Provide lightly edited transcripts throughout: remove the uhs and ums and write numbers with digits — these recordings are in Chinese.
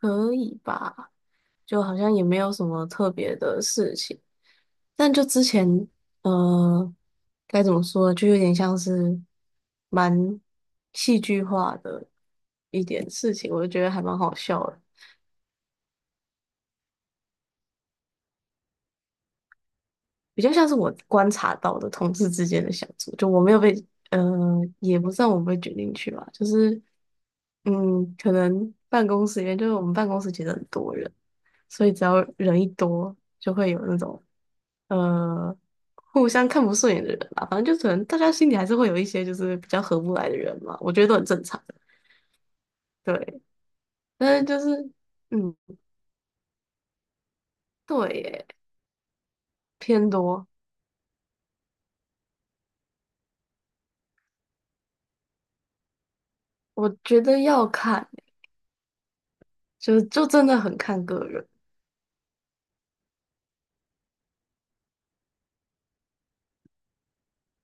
可以吧？就好像也没有什么特别的事情，但就之前，呃，该怎么说，就有点像是蛮戏剧化的一点事情，我就觉得还蛮好笑的，比较像是我观察到的同志之间的相处，就我没有被，呃，也不算我被卷进去吧，就是，嗯，可能办公室里面，就是我们办公室其实很多人。所以只要人一多，就会有那种呃互相看不顺眼的人吧。反正就可能大家心里还是会有一些就是比较合不来的人嘛，我觉得都很正常。对，但是就是嗯，对耶，偏多，我觉得要看，就真的很看个人。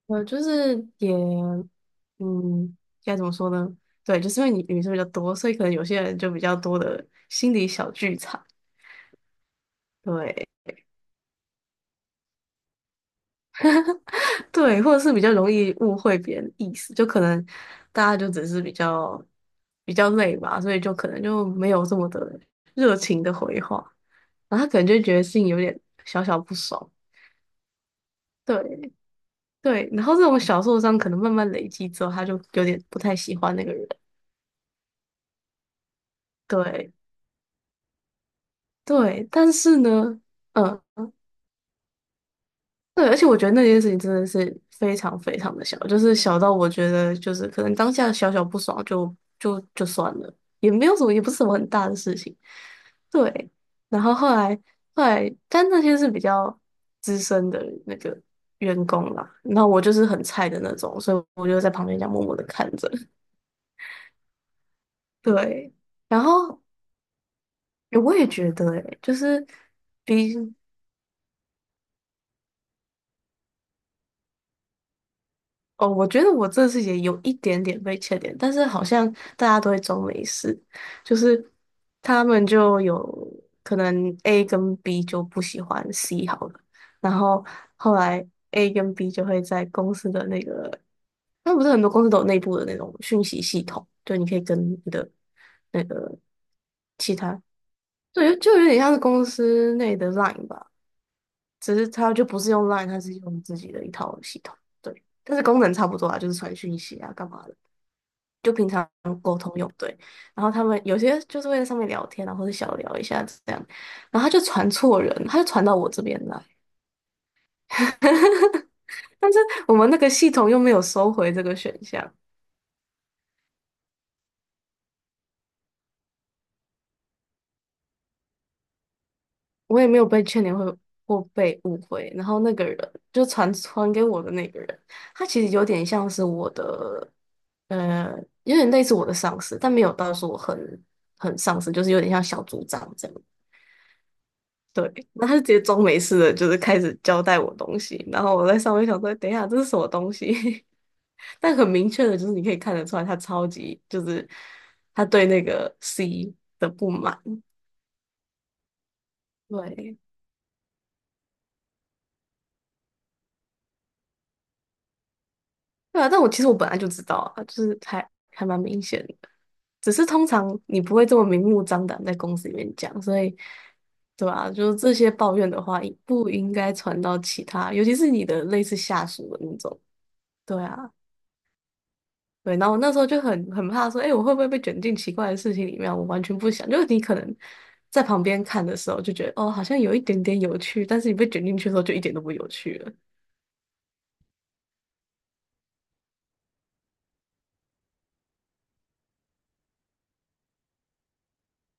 呃，就是也嗯，该怎么说呢？对，就是因为你女生比较多，所以可能有些人就比较多的心理小剧场。对，对，或者是比较容易误会别人意思，就可能大家就只是比较累吧，所以就可能就没有这么的热情的回话，然后他可能就觉得心里有点小小不爽。对对，然后这种小受伤可能慢慢累积之后，他就有点不太喜欢那个人。对对，但是呢，嗯。对，而且我觉得那件事情真的是非常非常的小，就是小到我觉得就是可能当下小小不爽就算了，也没有什么，也不是什么很大的事情。对，然后后来，但那些是比较资深的那个员工啦，那我就是很菜的那种，所以我就在旁边这样默默的看着。对，然后我也觉得、欸，就是比哦，我觉得我这次也有一点点被欠点，但是好像大家都会装没事，就是他们就有可能 A 跟 B 就不喜欢 C 好了，然后后来 A 跟 B 就会在公司的那个，那不是很多公司都有内部的那种讯息系统，就你可以跟你的那个其他，对，就有点像是公司内的 Line 吧。只是它就不是用 Line,它是用自己的一套系统，对，但是功能差不多啊，就是传讯息啊，干嘛的，就平常沟通用，对。然后他们有些就是会在上面聊天啊，或者小聊一下这样，然后他就传错人，他就传到我这边来，但是我们那个系统又没有收回这个选项，我也没有被劝勉会或被误会。然后那个人就传给我的那个人，他其实有点像是我的，呃，有点类似我的上司，但没有到说我很上司，就是有点像小组长这样。对，那他就直接装没事的，就是开始交代我东西。然后我在上面想说，等一下这是什么东西？但很明确的就是，你可以看得出来，他超级就是他对那个 C 的不满。对，对啊，但我其实我本来就知道啊，就是还蛮明显的，只是通常你不会这么明目张胆在公司里面讲，所以对吧？就是这些抱怨的话，不应该传到其他，尤其是你的类似下属的那种。对啊，对，然后我那时候就很怕说，哎、我会不会被卷进奇怪的事情里面啊我完全不想，就是你可能在旁边看的时候就觉得，哦，好像有一点点有趣，但是你被卷进去的时候就一点都不有趣了。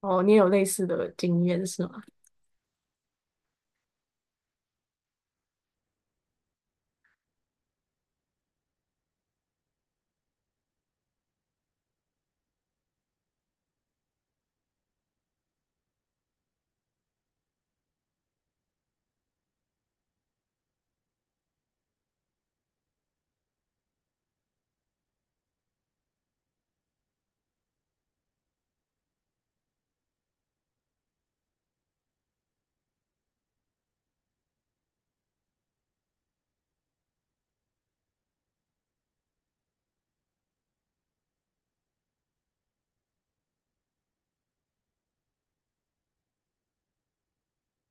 哦，你也有类似的经验是吗？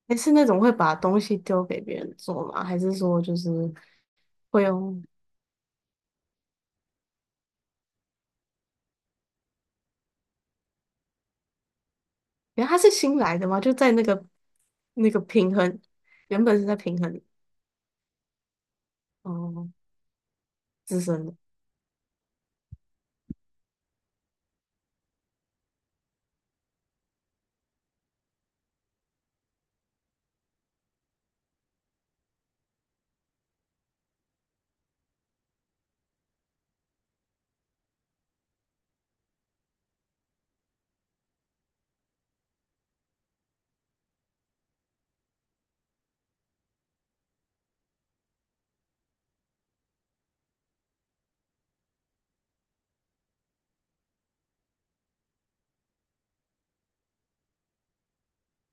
你是那种会把东西丢给别人做吗？还是说就是会用？哎，他是新来的嘛，就在那个那个平衡，原本是在平衡哦自身的。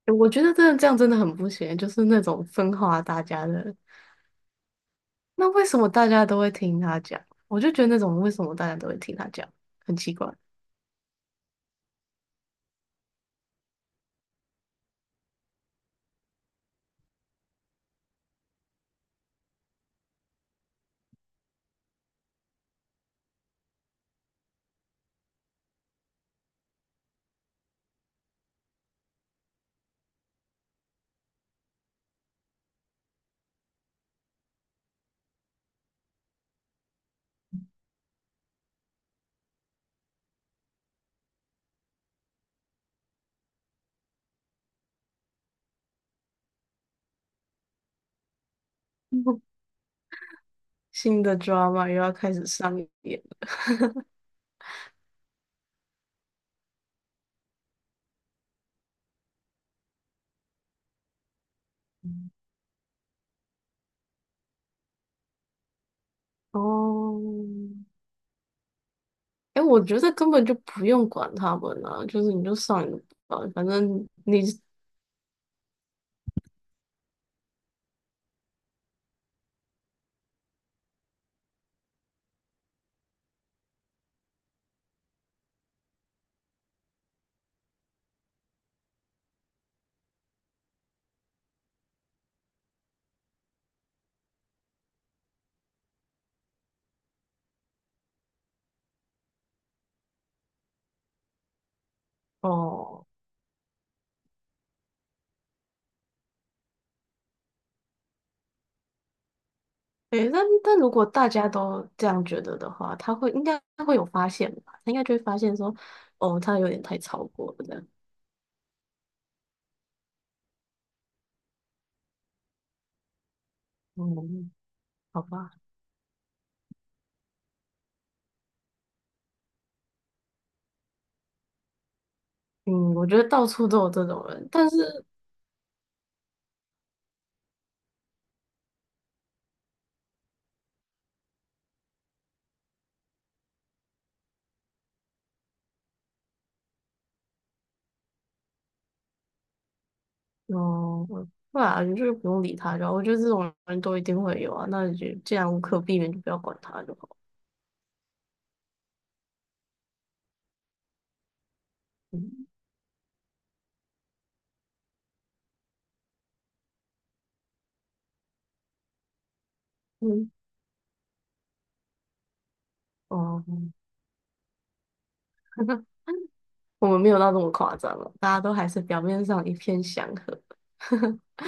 诶我觉得真的这样真的很不行，就是那种分化大家的。那为什么大家都会听他讲？我就觉得那种为什么大家都会听他讲，很奇怪。新的 drama 又要开始上演了。哦，哎，我觉得根本就不用管他们啊，就是你就上你的班反正你哦，哎，但但如果大家都这样觉得的话，他会应该他会有发现吧？他应该就会发现说，哦，他有点太超过了这样。嗯，好吧，嗯，我觉得到处都有这种人，但是哦，我对啊，你就是不用理他就好。我觉得这种人都一定会有啊，那你就既然无可避免，就不要管他就好。嗯嗯，哦。我们没有到这么夸张了，大家都还是表面上一片祥和。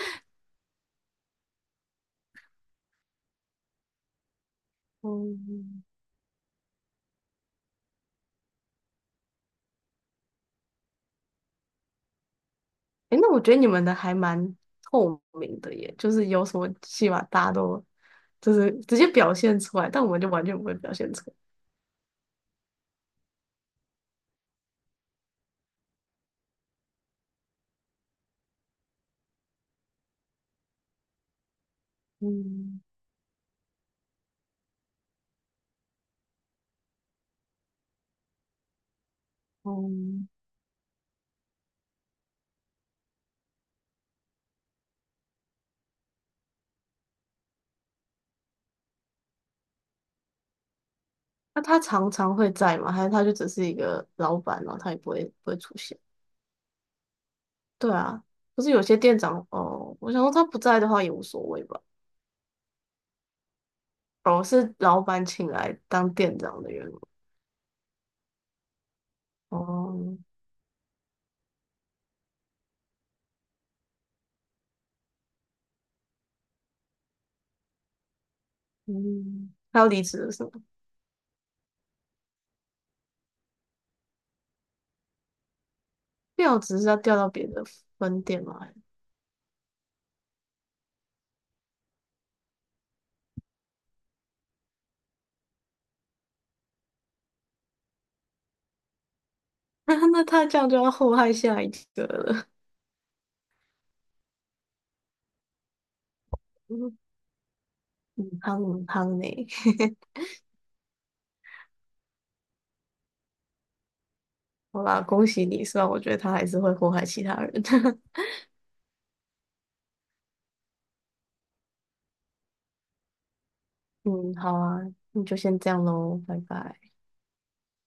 嗯，诶，那我觉得你们的还蛮透明的耶，就是有什么戏码大家都就是直接表现出来，但我们就完全不会表现出来。嗯嗯，那他常常会在吗？还是他就只是一个老板，然后他也不会不会出现？对啊，可是有些店长哦，我想说他不在的话也无所谓吧。哦，是老板请来当店长的员工。哦，嗯，他要离职了是吗？调职是要调到别的分店吗？那他这样就要祸害下一个了。嗯，嗯汤嗯汤呢？好啦，恭喜你，虽然我觉得他还是会祸害其他人。嗯，好啊，那就先这样喽，拜拜。